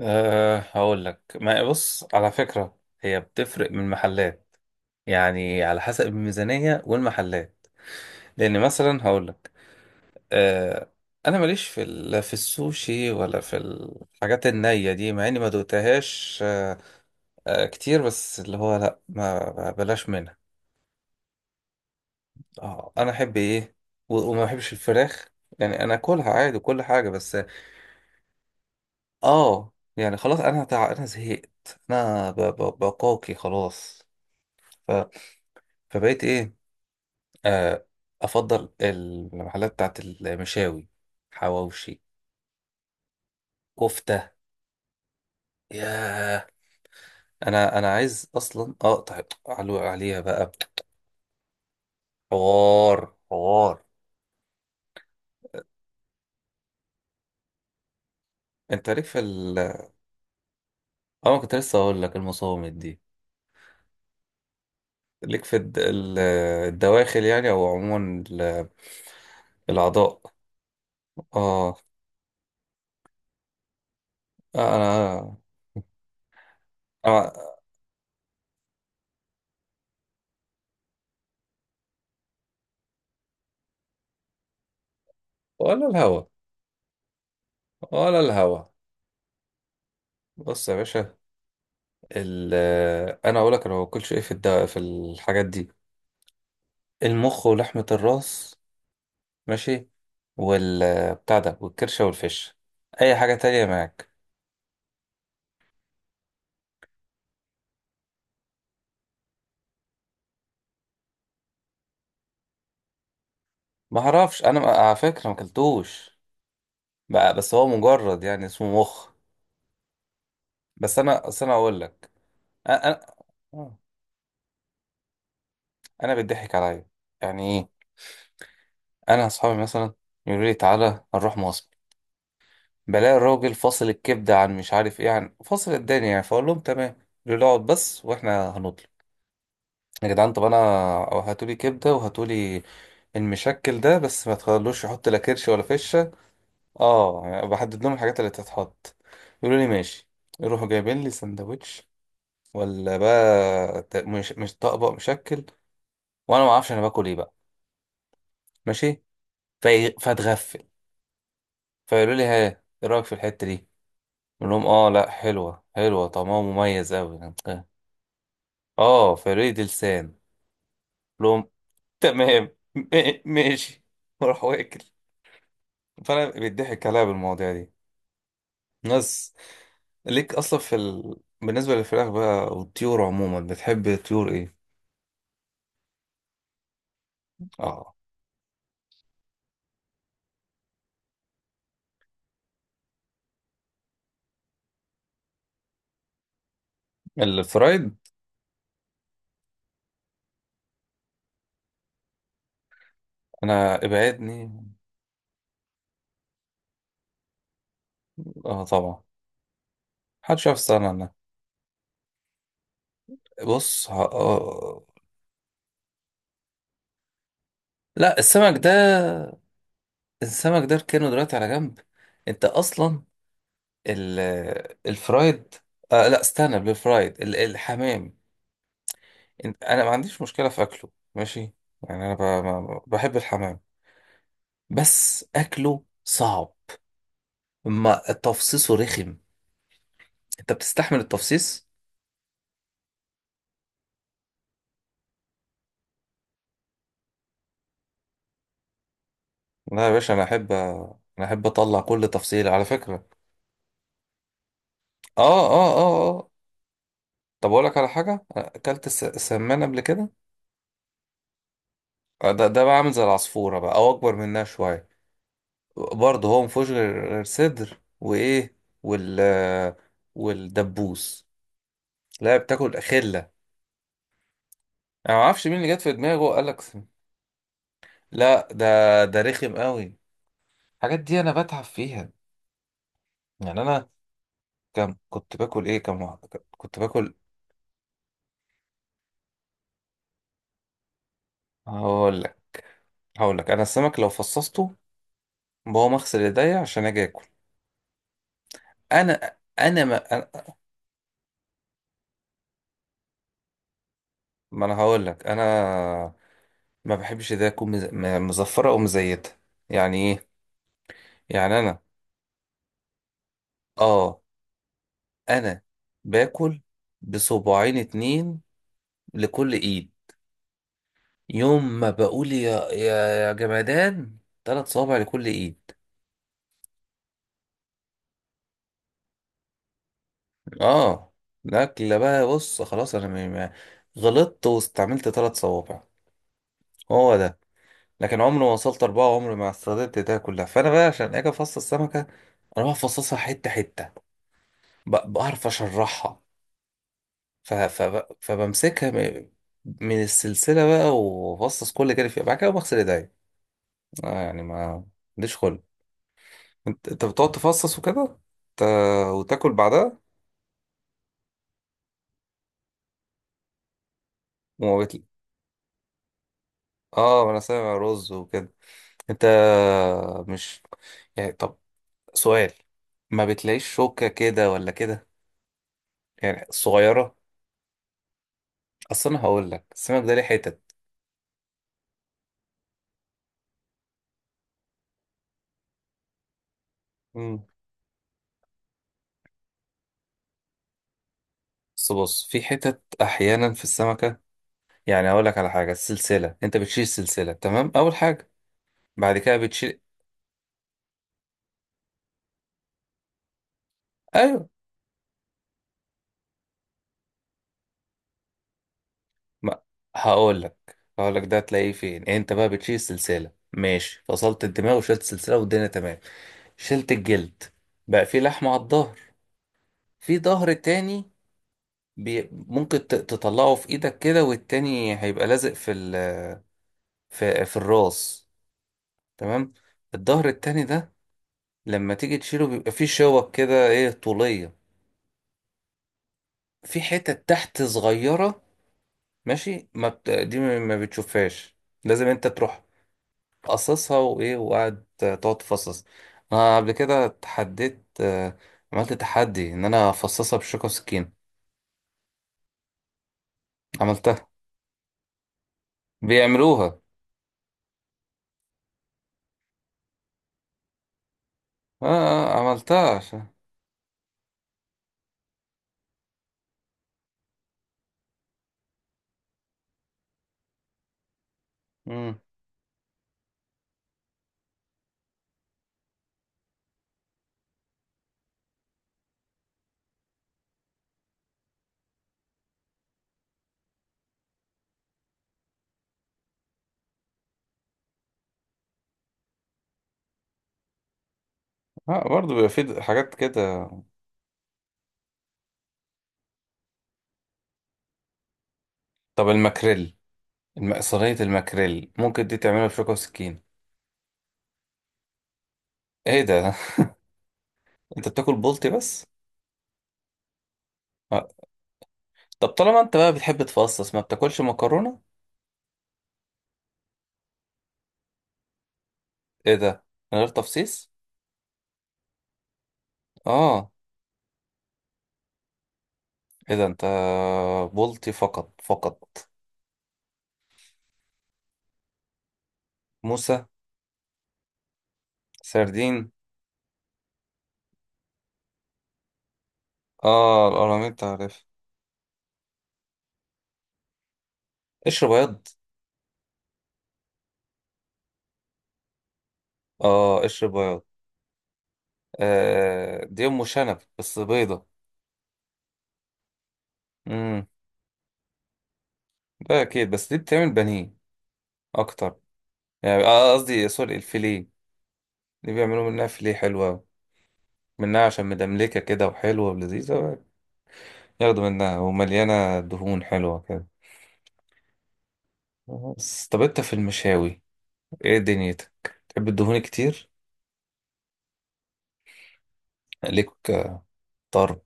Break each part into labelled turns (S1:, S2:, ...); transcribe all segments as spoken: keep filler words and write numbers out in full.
S1: أه، هقول لك. ما بص، على فكرة هي بتفرق من محلات، يعني على حسب الميزانية والمحلات. لأن مثلا هقول لك. أه أنا ماليش في ال- في السوشي ولا في الحاجات النية دي، مع إني ما دوقتهاش. أه أه كتير، بس اللي هو لأ، ما ما بلاش منها. أه، أنا أحب إيه؟ و- وما بحبش الفراخ، يعني أنا أكلها عادي وكل حاجة، بس. أه يعني خلاص، أنا تع... أنا زهقت، أنا ب... ب... بقاكي خلاص. فبقيت ايه، آه افضل المحلات بتاعت المشاوي، حواوشي، كفته. ياه، انا انا عايز اصلا اقطع علو- عليها بقى. حوار حوار. انت ليك في ال اه أنا كنت لسه اقول لك المصامت دي. ليك في الد... ال- الدواخل، يعني او عموما، ال- الاعضاء. اه. انا انا ولا الهوا، ولا الهوا. بص يا باشا، ال انا اقول لك. انا ما باكلش ايه في الد... في الحاجات دي: المخ ولحمه الراس، ماشي، وال بتاع ده، والكرشه والفش. اي حاجه تانية معاك؟ ما اعرفش، انا ما- على فكره ما اكلتوش بقى- بس، هو مجرد يعني اسمه مخ. بس انا اصل انا اقول لك، انا انا آه. أنا بيضحك عليا، يعني ايه؟ انا اصحابي مثلا يقولوا لي تعالى نروح مصر، بلاقي الراجل فاصل الكبده، عن مش عارف ايه، عن فاصل الدنيا، يعني. فاقول لهم تمام. يقولوا لي اقعد بس واحنا هنطلع. يا جدعان طب انا، أو هاتولي كبده وهاتولي المشكل ده بس، ما تخلوش يحط لا كرش ولا فشه. اه، يعني بحدد لهم الحاجات اللي تتحط. يقولوا لي ماشي، يروحوا جايبين لي سندوتش، ولا بقى، ت- مش مش طبق مشكل، وانا ما اعرفش انا باكل ايه بقى. ماشي، في... فاتغفل. فيقولوا لي ها، ايه رايك في الحته دي؟ اقول لهم اه لا، حلوه حلوه، طعمها مميز قوي. اه، فيقولوا لي دي لسان. أقول لهم تمام، م- ماشي واروح واكل. فانا بيضحك عليا بالمواضيع دي، ناس. ليك اصلا في ال... بالنسبه للفراخ بقى والطيور عموما، بتحب طيور ايه؟ اه، الفرايد. انا ابعدني. اه طبعا، محدش يعرف يستغنى عنها. بص ه... آه. لا، السمك ده، السمك ده اركنه دلوقتي على جنب. انت اصلا ال... الفرايد. آه لا، استنى بالفرايد، ال... الحمام. انت... انا ما عنديش مشكله في اكله، ماشي، يعني انا ب... ما- بحب الحمام، بس اكله صعب، ما تفصيصه رخم. انت بتستحمل التفصيص؟ لا يا باشا، انا احب انا احب اطلع كل تفصيله، على فكره. اه اه اه اه. طب اقول لك على حاجه، اكلت الس- السمان قبل كده؟ آه، ده ده بقى عامل زي العصفوره بقى، او اكبر منها شويه. برضه هو مفيهوش غير غير صدر وايه، وال آه، والدبوس لا، بتاكل خله. انا ما اعرفش مين اللي جت في دماغه قال لك. لا ده، ده رخم قوي، الحاجات دي انا بتعب فيها. يعني انا، كم كنت باكل ايه، كم واحدة كده؟ كنت باكل. هقول لك هقول لك انا السمك لو فصصته، بقوم اغسل ايديا عشان اجي اكل. انا انا ما انا, ما أنا هقول لك، انا ما بحبش ايديا تكون مز- م- مزفرة او مزيتة، يعني ايه؟ يعني انا، اه، انا باكل بصباعين اتنين لكل ايد، يوم ما بقول يا يا يا جمدان تلات صوابع لكل ايد. اه، الاكل بقى، بص خلاص انا م- م- غلطت واستعملت ثلاث صوابع، هو ده. لكن عمري ما وصلت اربعه، عمري ما استخدمت ده كلها. فانا بقى عشان اجي افصص السمكه، اروح افصصها حته حته. ب- بعرف اشرحها. ف... ف... فبمسكها م- من السلسله بقى، وافصص كل كده فيها، بعد كده بغسل ايديا. آه، يعني ما عنديش خلق. انت انت بتقعد تفصص وكده، ت... وتاكل بعدها؟ وما بت... اه، انا سامع رز وكده. انت مش، يعني، طب سؤال، ما بتلاقيش شوكة كده ولا كده؟ يعني صغيرة. اصل انا هقول لك السمك ده ليه حتت. مم. بس بص، في حتت احيانا في السمكة. يعني هقول لك على حاجة: السلسلة، انت بتشيل السلسلة تمام اول حاجة، بعد كده بتشيل. ايوه. ما هقول لك هقول لك ده تلاقيه فين. انت بقى بتشيل السلسلة، ماشي، فصلت الدماغ وشلت السلسلة والدنيا تمام، شلت الجلد، بقى في لحمة على الظهر. في ظهر تاني، بي ممكن ت- تطلعه في ايدك كده، والتاني هيبقى لازق في ال في, في الراس. تمام؟ الظهر التاني ده لما تيجي تشيله، بيبقى فيه شوك كده ايه، طولية، في حتة تحت صغيرة ماشي، ما بت... دي ما ما بتشوفهاش. لازم انت تروح قصصها وايه، وقعد تقعد تفصص. انا قبل كده اتحديت، آه، عملت تحدي ان انا افصصها بشوكة وسكين. عملتها، بيعملوها. اه، آه، عملتها عشان. مم. اه، برضه بيبقى في حاجات كده. طب الماكريل، الم... صينية الماكريل ممكن دي تعملها بشوكة وسكين؟ ايه ده انت بتاكل بولتي بس؟ آه. طب طالما انت بقى بتحب تفصص، ما بتاكلش مكرونة؟ ايه ده، من غير تفصيص؟ اه. ايه ده، انت بولتي فقط فقط؟ موسى، سردين. اه، القراميط تعرف. قشر بياض. اه، قشر بياض. آه، دي ام شنب، بس بيضة. امم. ده اكيد، بس دي بتعمل بانيه اكتر، يعني آه، قصدي سوري، الفيليه، دي بيعملوا منها فيليه حلوة أوي، منها، عشان مدملكة كده وحلوة ولذيذة. ياخدوا منها، ومليانة دهون حلوة كده. بس طب انت في المشاوي، ايه دنيتك؟ تحب الدهون كتير؟ ليك، طرب.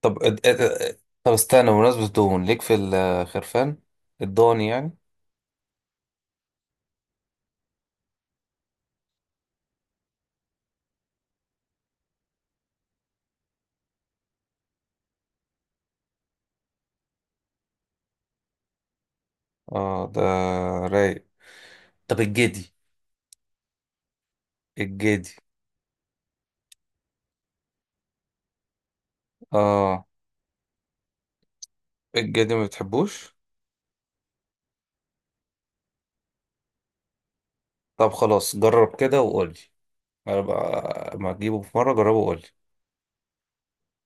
S1: طب اد- اد- اد- طب استنى، بمناسبة الدهون، ليك في الخرفان، الضاني يعني. اه ده رايق. طب الجدي، الجدي. اه، الجدي ما بتحبوش؟ طب خلاص، جرب كده وقولي. أنا بقى- ما تجيبه في مرة، جربه وقولي.